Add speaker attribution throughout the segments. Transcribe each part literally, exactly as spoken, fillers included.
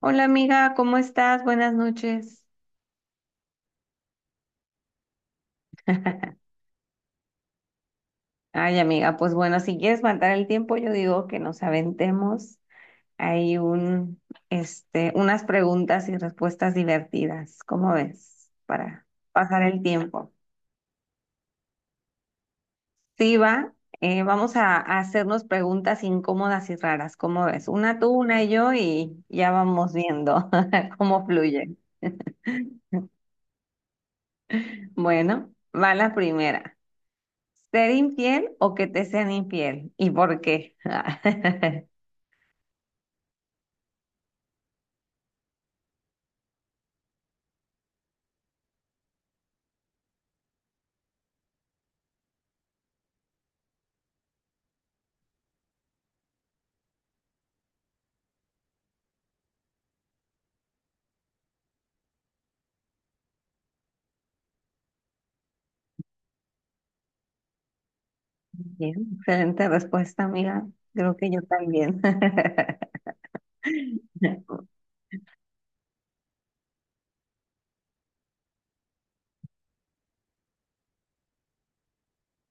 Speaker 1: Hola amiga, ¿cómo estás? Buenas noches. Ay amiga, pues bueno, si quieres matar el tiempo, yo digo que nos aventemos. Hay un, este, unas preguntas y respuestas divertidas. ¿Cómo ves? Para pasar el tiempo. Sí, va. Eh, vamos a, a hacernos preguntas incómodas y raras. ¿Cómo ves? Una tú, una yo y ya vamos viendo cómo fluye. Bueno, va la primera. ¿Ser infiel o que te sean infiel? ¿Y por qué? Bien, excelente respuesta, amiga. Creo que yo también.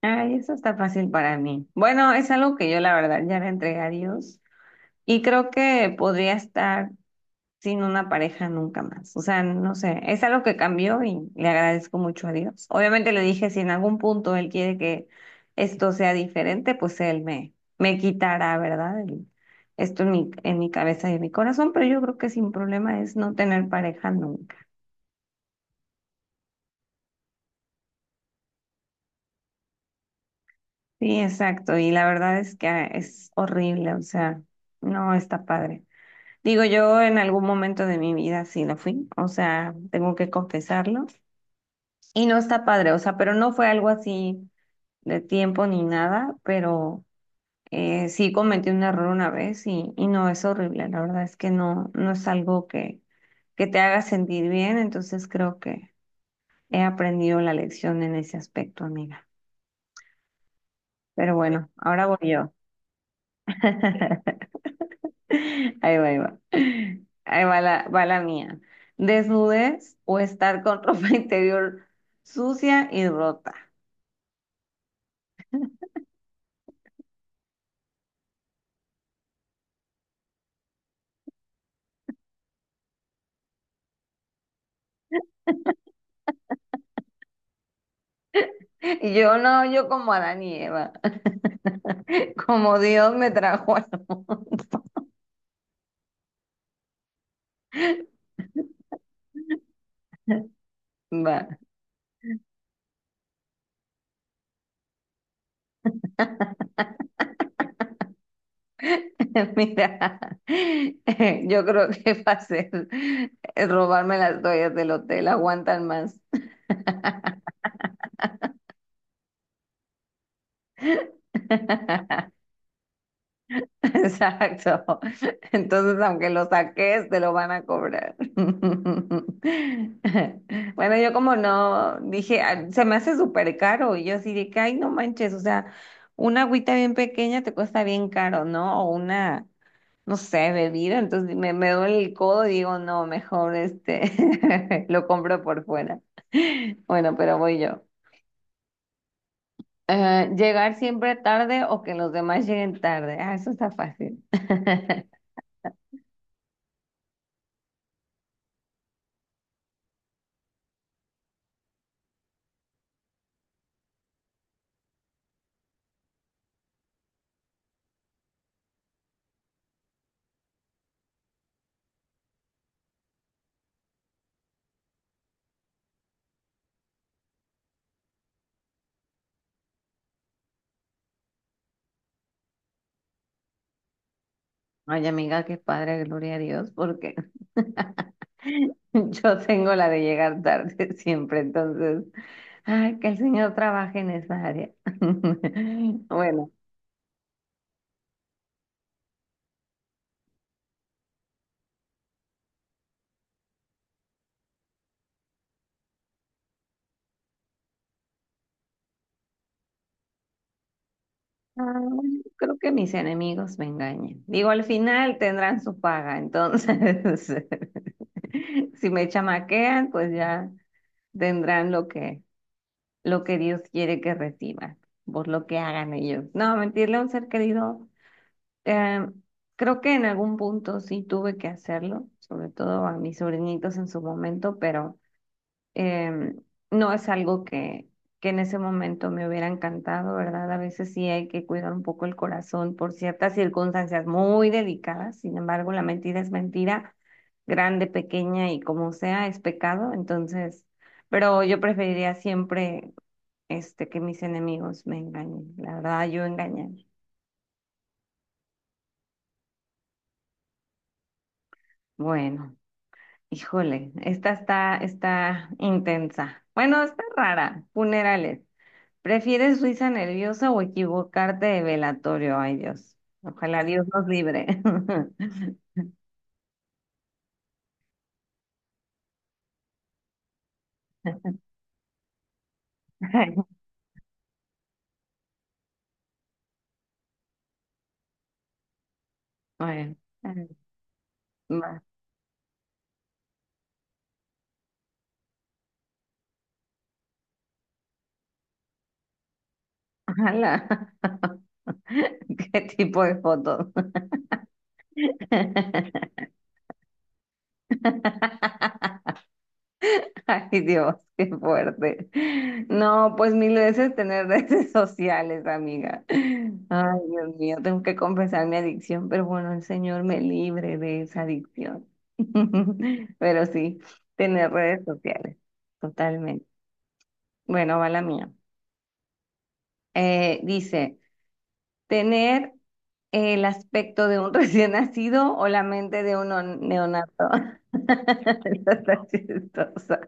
Speaker 1: Ay, eso está fácil para mí. Bueno, es algo que yo la verdad ya le entregué a Dios y creo que podría estar sin una pareja nunca más. O sea, no sé, es algo que cambió y le agradezco mucho a Dios. Obviamente le dije, si en algún punto él quiere que esto sea diferente, pues él me, me quitará, ¿verdad? El- esto en mi, en mi cabeza y en mi corazón, pero yo creo que sin problema es no tener pareja nunca. Sí, exacto. Y la verdad es que ah, es horrible, o sea, no está padre. Digo, yo en algún momento de mi vida sí lo fui, o sea, tengo que confesarlo. Y no está padre, o sea, pero no fue algo así de tiempo ni nada, pero eh, sí cometí un error una vez y, y no es horrible. La verdad es que no, no es algo que, que te haga sentir bien, entonces creo que he aprendido la lección en ese aspecto, amiga. Pero bueno, ahora voy yo. Ahí va, ahí va. Ahí va la, va la mía. Desnudez o estar con ropa interior sucia y rota. Y yo no, yo como Adán y Eva, como Dios me trajo al mundo. Va, mira, yo creo que va a ser eh, robarme las toallas del hotel, aguantan más. Exacto. Entonces, aunque lo saques, te lo van a cobrar. Bueno, yo como no dije, "Ah, se me hace súper caro. Y yo así de que, ay, no manches, o sea, una agüita bien pequeña te cuesta bien caro, ¿no? O una, no sé, bebida. Entonces me, me duele el codo y digo, no, mejor este, lo compro por fuera. Bueno, pero voy yo. Eh, llegar siempre tarde o que los demás lleguen tarde. Ah, eso está fácil. Oye, amiga, qué padre, gloria a Dios, porque yo tengo la de llegar tarde siempre, entonces, ay, que el Señor trabaje en esa área. Bueno, ah, bueno, creo que mis enemigos me engañen. Digo, al final tendrán su paga, entonces, si me chamaquean, pues ya tendrán lo que, lo que Dios quiere que reciban, por lo que hagan ellos. No, mentirle a un ser querido. Eh, Creo que en algún punto sí tuve que hacerlo, sobre todo a mis sobrinitos en su momento, pero em, no es algo que, que en ese momento me hubiera encantado, ¿verdad? A veces sí hay que cuidar un poco el corazón por ciertas circunstancias muy delicadas, sin embargo, la mentira es mentira, grande, pequeña y como sea, es pecado, entonces, pero yo preferiría siempre este, que mis enemigos me engañen, la verdad, yo engañar. Bueno. Híjole, esta está, está intensa. Bueno, está rara. Funerales. ¿Prefieres risa nerviosa o equivocarte de velatorio? Ay, Dios. Ojalá Dios nos libre. Bueno, va. Ala. ¿Qué tipo de fotos? Ay, Dios, qué fuerte. No, pues mil veces tener redes sociales, amiga. Ay, Dios mío, tengo que confesar mi adicción, pero bueno, el Señor me libre de esa adicción. Pero sí, tener redes sociales, totalmente. Bueno, va la mía. Eh, dice, tener el aspecto de un recién nacido o la mente de un no, neonato. Esta está chistosa.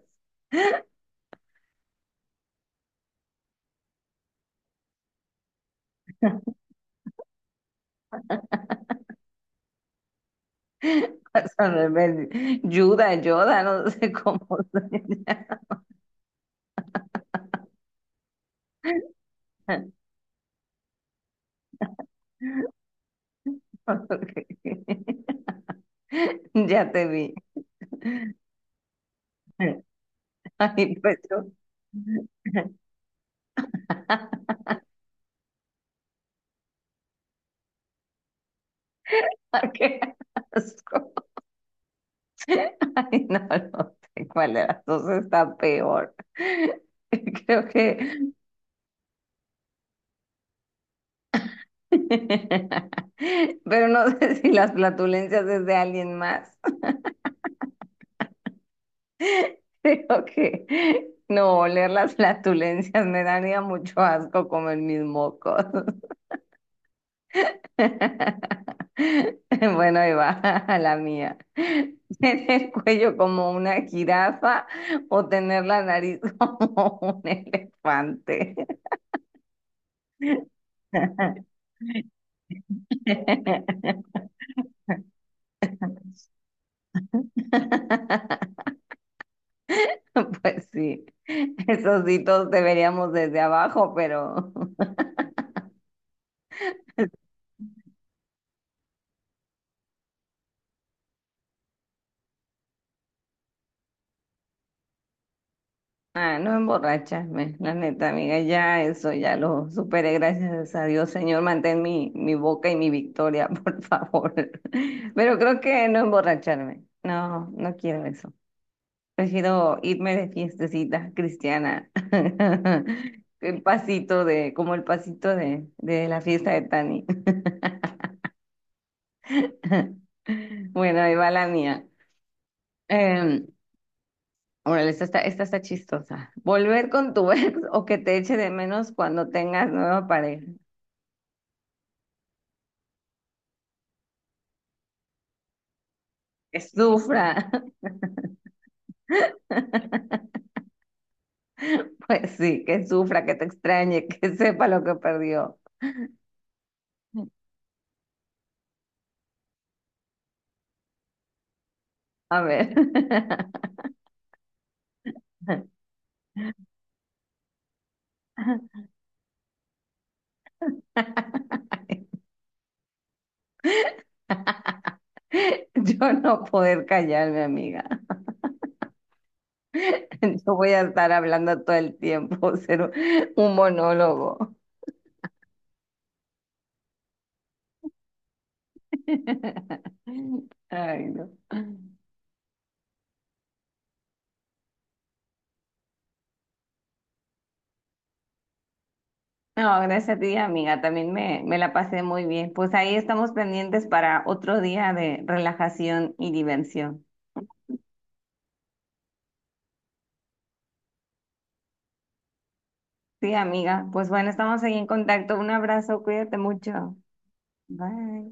Speaker 1: Son rebeldes. Yuda, Yoda, no sé cómo se llama. Ok. Ya te vi. Ay, pues yo. Qué asco. Ay, no, no sé cuál de las dos está peor. Creo que. Pero no sé si las flatulencias es de alguien más. Creo que. No, oler las flatulencias me daría mucho asco comer mis mocos. Bueno, ahí va la mía. ¿Tener el cuello como una jirafa o tener la nariz como un elefante? Pues sí, esos sí todos deberíamos desde abajo, pero Ah, no emborracharme, la neta, amiga, ya eso, ya lo superé, gracias a Dios, Señor, mantén mi, mi boca y mi victoria, por favor. Pero creo que no emborracharme, no, no quiero eso. Prefiero irme de fiestecita cristiana, el pasito de, como el pasito de, de la fiesta de Tani. Bueno, ahí va la mía. Em, Órale, esta está, esta está chistosa. Volver con tu ex o que te eche de menos cuando tengas nueva pareja. Que sufra. Pues sí, que sufra, que te extrañe, que sepa lo que perdió. A ver. Yo no poder callarme, amiga. Yo voy a estar hablando todo el tiempo, ser un monólogo. Ay, no. No, gracias a ti, amiga. También me, me la pasé muy bien. Pues ahí estamos pendientes para otro día de relajación y diversión. Sí, amiga. Pues bueno, estamos ahí en contacto. Un abrazo, cuídate mucho. Bye.